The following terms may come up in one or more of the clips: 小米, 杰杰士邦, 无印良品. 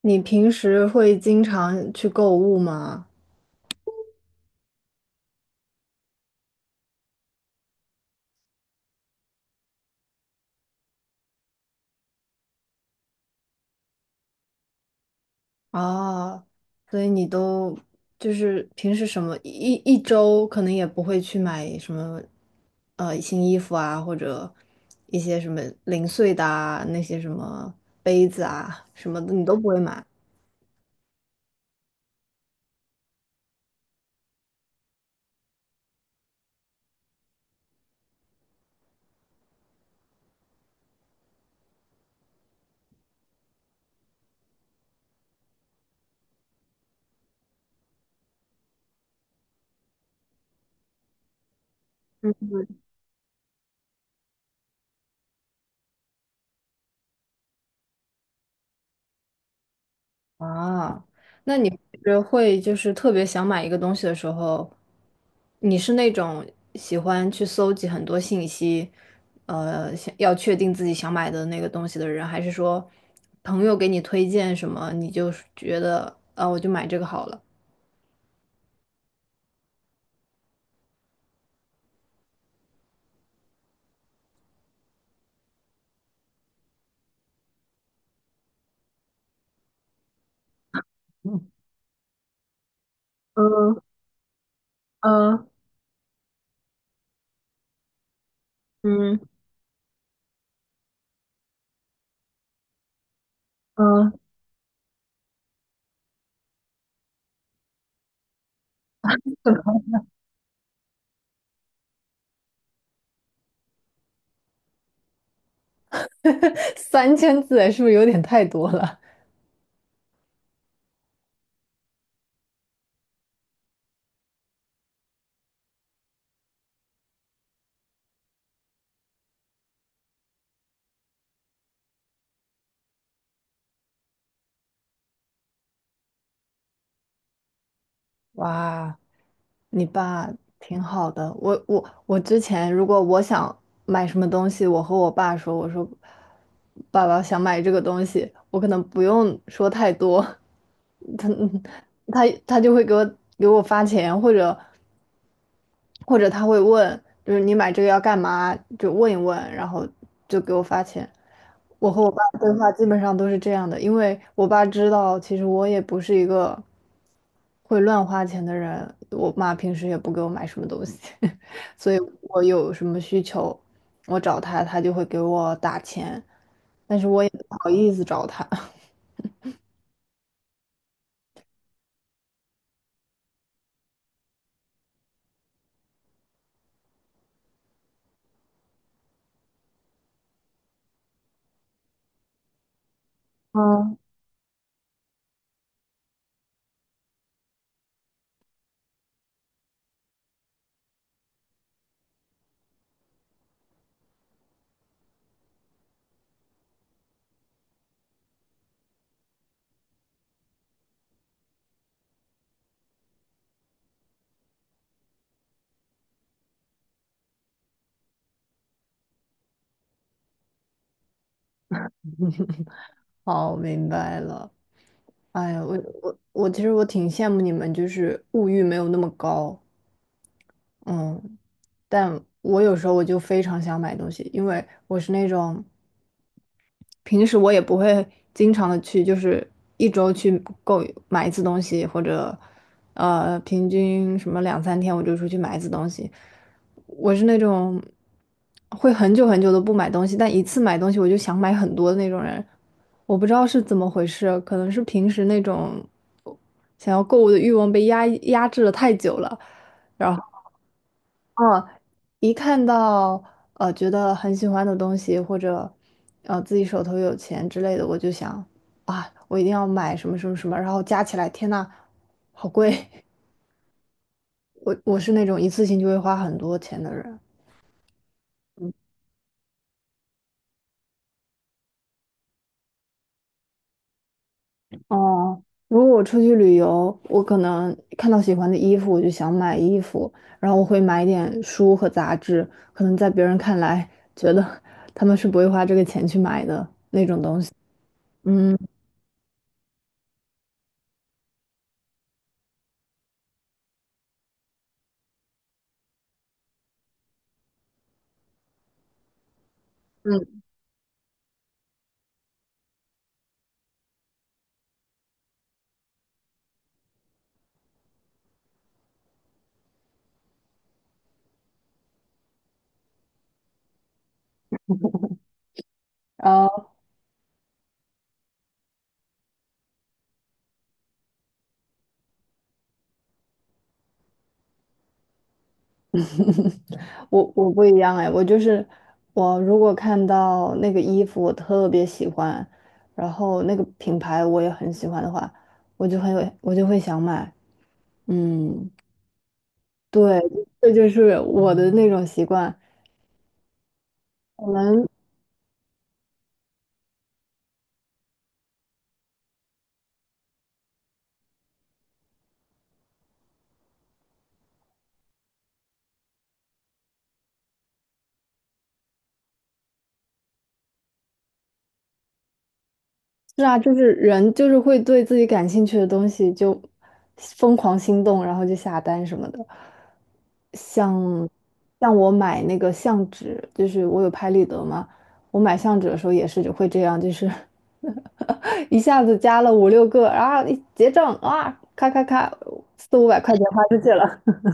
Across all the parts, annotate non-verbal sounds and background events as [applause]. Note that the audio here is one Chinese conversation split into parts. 你平时会经常去购物吗？哦，所以你都就是平时什么一周可能也不会去买什么新衣服啊，或者一些什么零碎的啊，那些什么杯子啊什么的，你都不会买。啊，那你平时会就是特别想买一个东西的时候，你是那种喜欢去搜集很多信息，想要确定自己想买的那个东西的人，还是说朋友给你推荐什么，你就觉得啊，我就买这个好了？嗯嗯嗯，嗯，[laughs] 3000字是不是有点太多了？[laughs] 哇，你爸挺好的，我之前如果我想买什么东西，我和我爸说，我说爸爸想买这个东西，我可能不用说太多，[laughs] 他就会给我发钱，或者他会问，就是你买这个要干嘛，就问一问，然后就给我发钱。我和我爸对话基本上都是这样的，因为我爸知道，其实我也不是一个会乱花钱的人，我妈平时也不给我买什么东西，[laughs] 所以我有什么需求，我找他，他就会给我打钱，但是我也不好意思找他。[laughs] 嗯，好，明白了。哎呀，我我我其实我挺羡慕你们，就是物欲没有那么高，嗯，但我有时候我就非常想买东西，因为我是那种。平时我也不会经常的去，就是一周去购买一次东西，或者平均什么2、3天我就出去买一次东西。我是那种会很久很久都不买东西，但一次买东西我就想买很多的那种人。我不知道是怎么回事，可能是平时那种想要购物的欲望被压抑压制了太久了，然后。嗯，一看到觉得很喜欢的东西，或者自己手头有钱之类的，我就想啊，我一定要买什么什么什么，然后加起来，天呐，好贵！[laughs] 我是那种一次性就会花很多钱的人。哦，如果我出去旅游，我可能看到喜欢的衣服，我就想买衣服，然后我会买一点书和杂志，可能在别人看来觉得 [laughs] 他们是不会花这个钱去买的那种东西。嗯嗯。我不一样哎，我就是我如果看到那个衣服我特别喜欢，然后那个品牌我也很喜欢的话，我就会想买。嗯，对，这就是我的那种习惯。可能是啊，就是人就是会对自己感兴趣的东西就疯狂心动，然后就下单什么的。像像我买那个相纸，就是我有拍立得嘛，我买相纸的时候也是就会这样，就是 [laughs] 一下子加了5、6个，然后一结账啊，咔咔咔，4、500块钱花出去了。[laughs]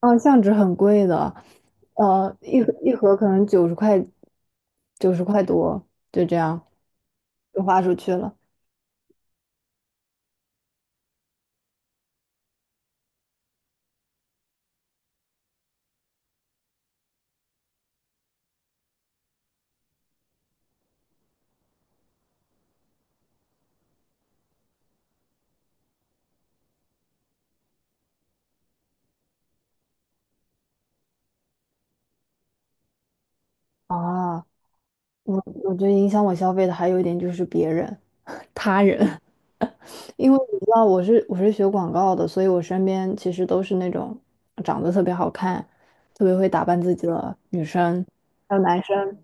嗯，相纸很贵的，一盒一盒可能九十块，九十块多，就这样就花出去了。啊。我我觉得影响我消费的还有一点就是别人、他人，[laughs] 因为你知道我是学广告的，所以我身边其实都是那种长得特别好看、特别会打扮自己的女生，还有男生。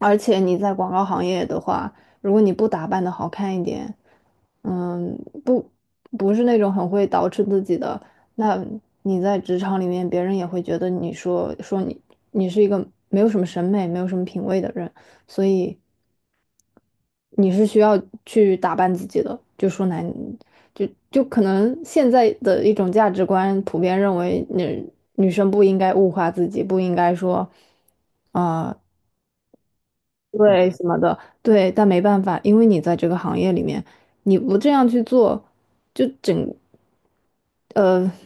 而且你在广告行业的话，如果你不打扮的好看一点，嗯，不不是那种很会捯饬自己的，那你在职场里面，别人也会觉得你说说你你是一个没有什么审美、没有什么品味的人，所以。你是需要去打扮自己的。就说男，就可能现在的一种价值观普遍认为女生不应该物化自己，不应该说啊、对什么的，对，但没办法，因为你在这个行业里面，你不这样去做，就整呃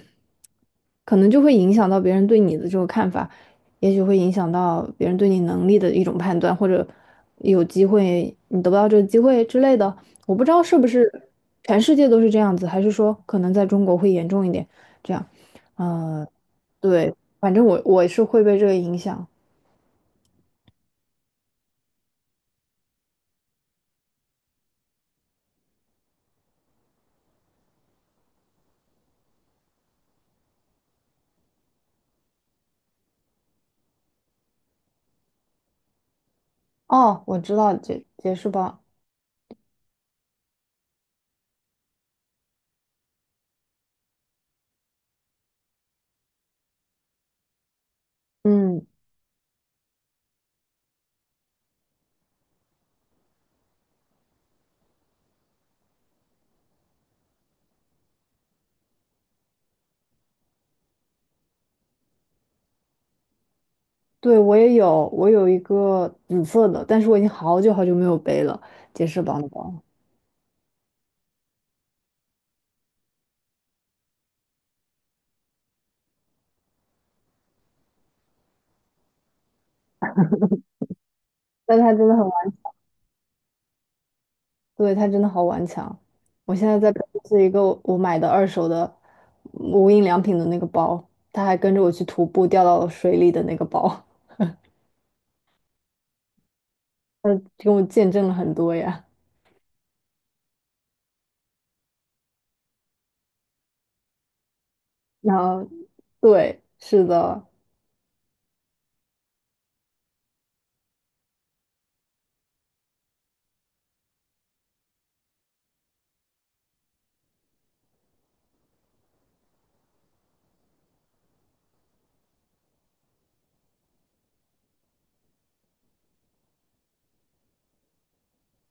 可能就会影响到别人对你的这个看法，也许会影响到别人对你能力的一种判断，或者有机会你得不到这个机会之类的。我不知道是不是全世界都是这样子，还是说可能在中国会严重一点。这样，呃，对，反正我是会被这个影响。哦，我知道杰士邦，嗯，对，我也有，我有一个紫色的，但是我已经好久好久没有背了杰士邦的包，但它真的很。对，它真的好顽强。我现在在背的是一个我买的二手的无印良品的那个包，它还跟着我去徒步掉到了水里的那个包，[laughs] 跟我见证了很多呀。然后，对，是的，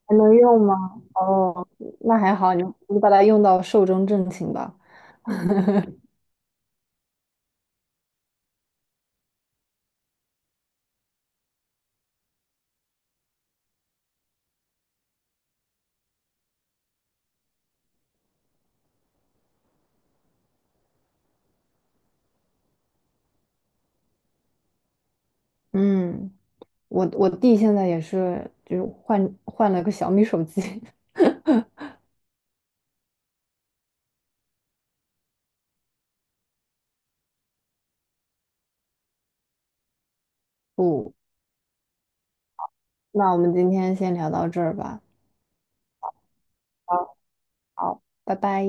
还能用吗？哦，那还好，你把它用到寿终正寝吧。嗯，我弟现在也是，就是换了个小米手机。[laughs] 不，那我们今天先聊到这儿吧。好，好，拜拜。